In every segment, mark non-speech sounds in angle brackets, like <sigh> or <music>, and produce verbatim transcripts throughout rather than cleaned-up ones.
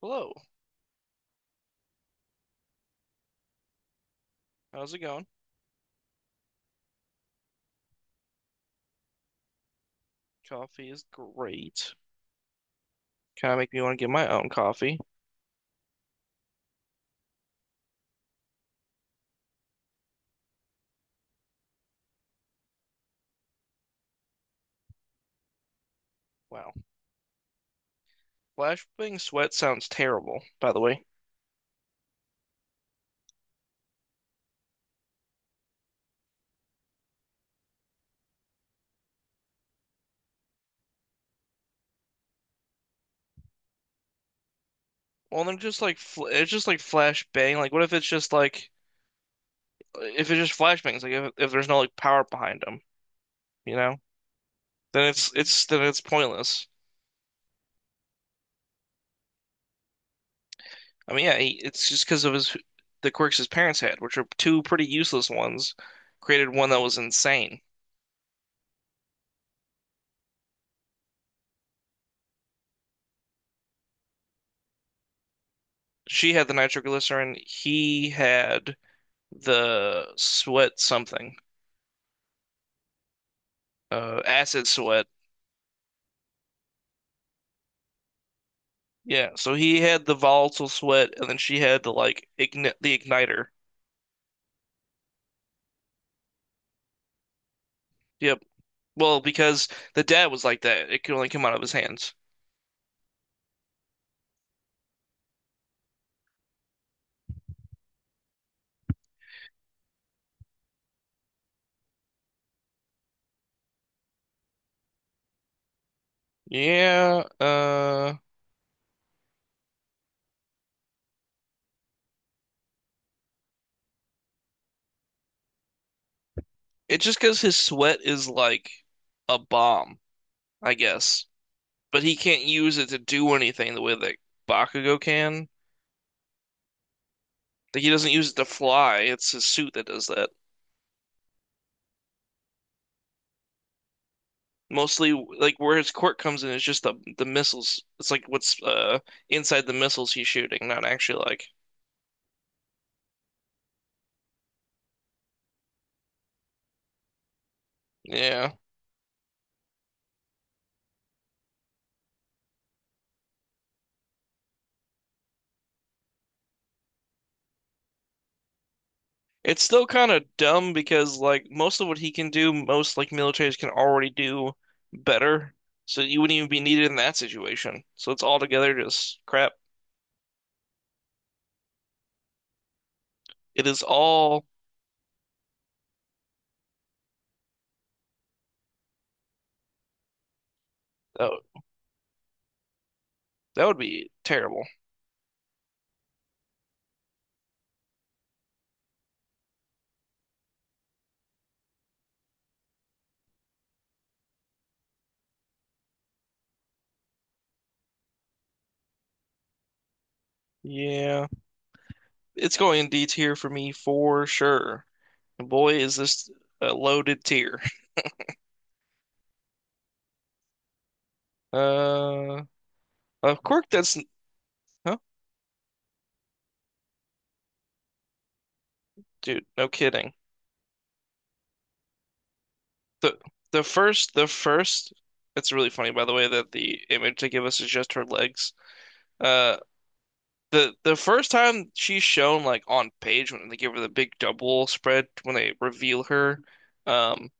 Hello, how's it going? Coffee is great. Kind of make me want to get my own coffee. Wow. Flashbang sweat sounds terrible, by the way. Well, then just like fl it's just like flashbang. Like, what if it's just like if it's just flashbangs? Like, if if there's no like power behind them, you know? Then it's it's then it's pointless. I mean, yeah, he, it's just because of his the quirks his parents had, which are two pretty useless ones. Created one that was insane. She had the nitroglycerin. He had the sweat something. Uh acid sweat. Yeah, so he had the volatile sweat, and then she had the like igni the igniter. Yep. Well, because the dad was like that, it could only come out of his hands. Yeah. Uh, it's just because his sweat is like a bomb, I guess. But he can't use it to do anything the way that Bakugo can. Like he doesn't use it to fly. It's his suit that does that. Mostly, like where his quirk comes in is just the the missiles. It's like what's uh inside the missiles he's shooting, not actually like. Yeah. It's still kind of dumb because like most of what he can do, most like militaries can already do better. So you wouldn't even be needed in that situation. So it's all together just crap. It is all. Oh, that would be terrible. Yeah. It's going in D tier for me for sure. And boy, is this a loaded tier. <laughs> Uh of course that's huh? Dude, no kidding. The the first the first it's really funny by the way that the image they give us is just her legs. Uh, the the first time she's shown like on page when they give her the big double spread when they reveal her, um,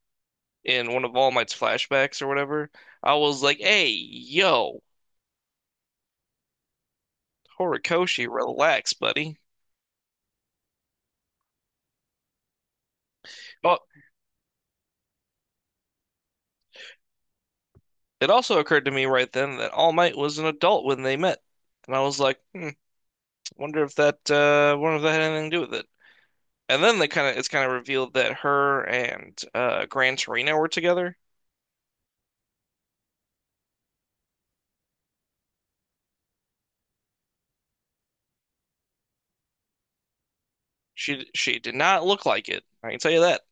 in one of All Might's flashbacks or whatever, I was like, "Hey, yo, Horikoshi, relax, buddy." But it also occurred to me right then that All Might was an adult when they met, and I was like, "Hmm, wonder if that uh, wonder if that had anything to do with it." And then they kind of it's kind of revealed that her and uh, Gran Torino were together. She she did not look like it. I can tell you that.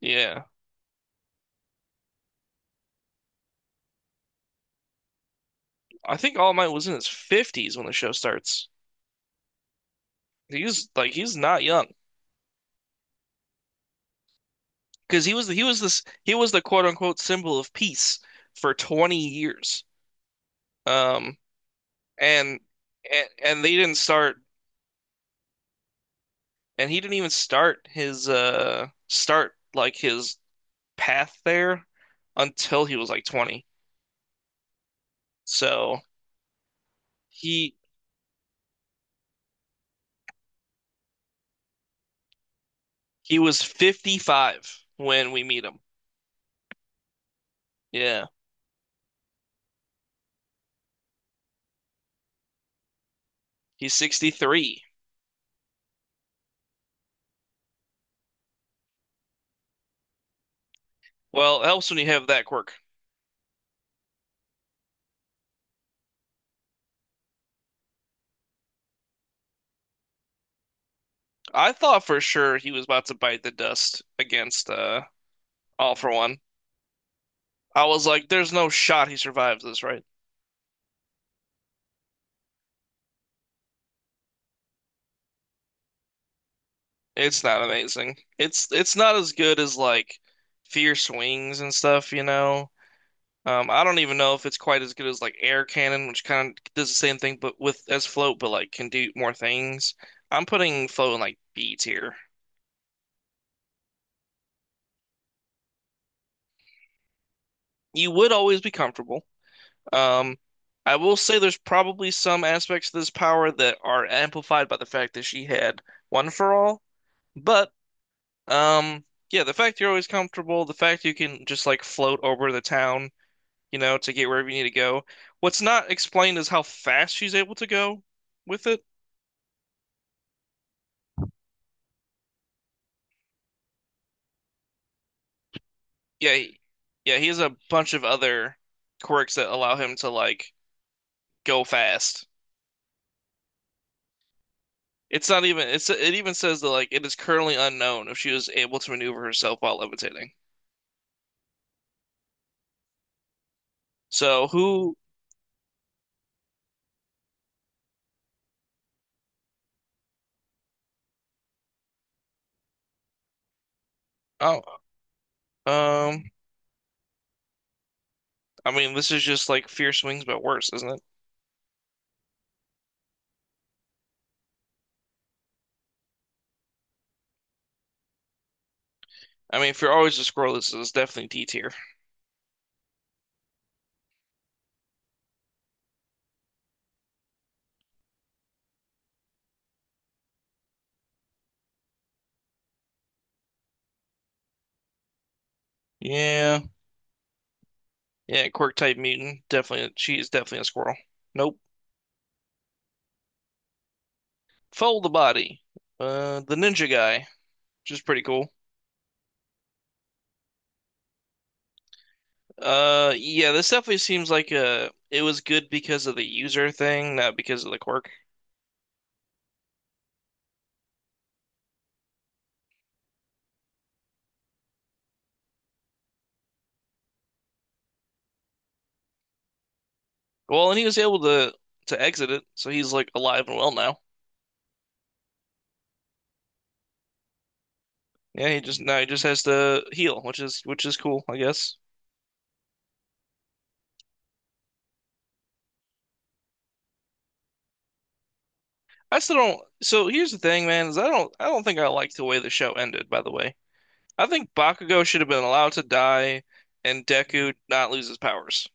Yeah. I think All Might was in his fifties when the show starts. He's like he's not young because he was the, he was this he was the quote unquote symbol of peace for twenty years. Um and and, and they didn't start and he didn't even start his uh start like his path there until he was like twenty. So he he was fifty-five when we meet him. Yeah. He's sixty-three. Well, it helps when you have that quirk. I thought for sure he was about to bite the dust against uh All for One. I was like, there's no shot he survives this, right? It's not amazing. It's it's not as good as like Fierce Wings and stuff, you know. Um, I don't even know if it's quite as good as like Air Cannon, which kind of does the same thing, but with as Float, but like can do more things. I'm putting Float in like B tier. You would always be comfortable. Um, I will say there's probably some aspects of this power that are amplified by the fact that she had One for All. But um, yeah, the fact you're always comfortable, the fact you can just like float over the town, you know, to get wherever you need to go. What's not explained is how fast she's able to go with it. Yeah, he, yeah, he has a bunch of other quirks that allow him to like go fast. It's not even it's it even says that like it is currently unknown if she was able to maneuver herself while levitating. So who? Oh, um, I mean, this is just like Fierce Wings, but worse, isn't it? I mean, if you're always a squirrel, this is definitely D tier. Yeah, yeah, quirk type mutant, definitely. She is definitely a squirrel. Nope. Fold the body. Uh, the ninja guy, which is pretty cool. Uh, yeah, this definitely seems like a. It was good because of the user thing, not because of the quirk. Well, and he was able to to exit it, so he's like alive and well now. Yeah, he just now he just has to heal, which is which is cool, I guess. I still don't. So here's the thing, man, is I don't I don't think I like the way the show ended, by the way. I think Bakugo should have been allowed to die and Deku not lose his powers.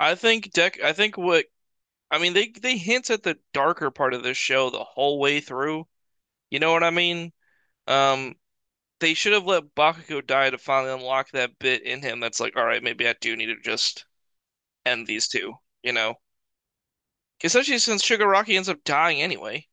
I think Dek I think what I mean they they hint at the darker part of this show the whole way through. You know what I mean? Um they should have let Bakugo die to finally unlock that bit in him that's like, all right, maybe I do need to just end these two, you know? Especially since Shigaraki ends up dying anyway.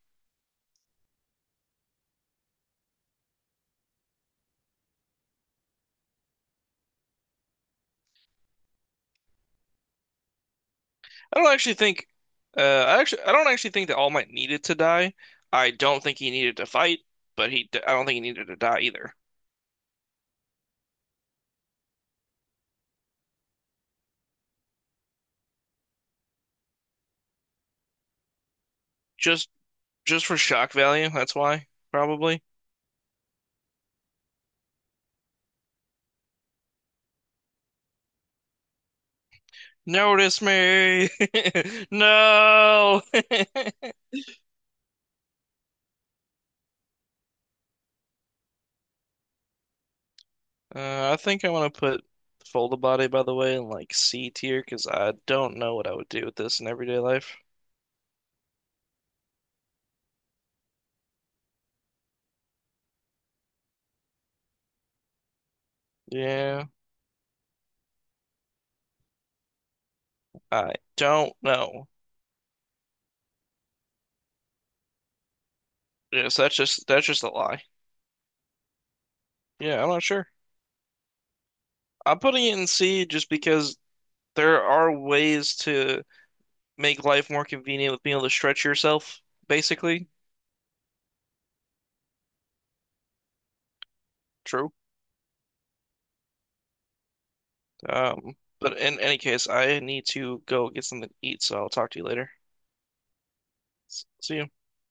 I don't actually think uh I actually I don't actually think that All Might needed to die. I don't think he needed to fight, but he I don't think he needed to die either. Just just for shock value, that's why, probably. Notice me. <laughs> No. <laughs> Uh, I think I want to put Fold a Body by the way in like C tier because I don't know what I would do with this in everyday life. Yeah, I don't know. Yes, that's just that's just a lie. Yeah, I'm not sure. I'm putting it in C just because there are ways to make life more convenient with being able to stretch yourself, basically. True. Um, but in any case, I need to go get something to eat, so I'll talk to you later. S- See you.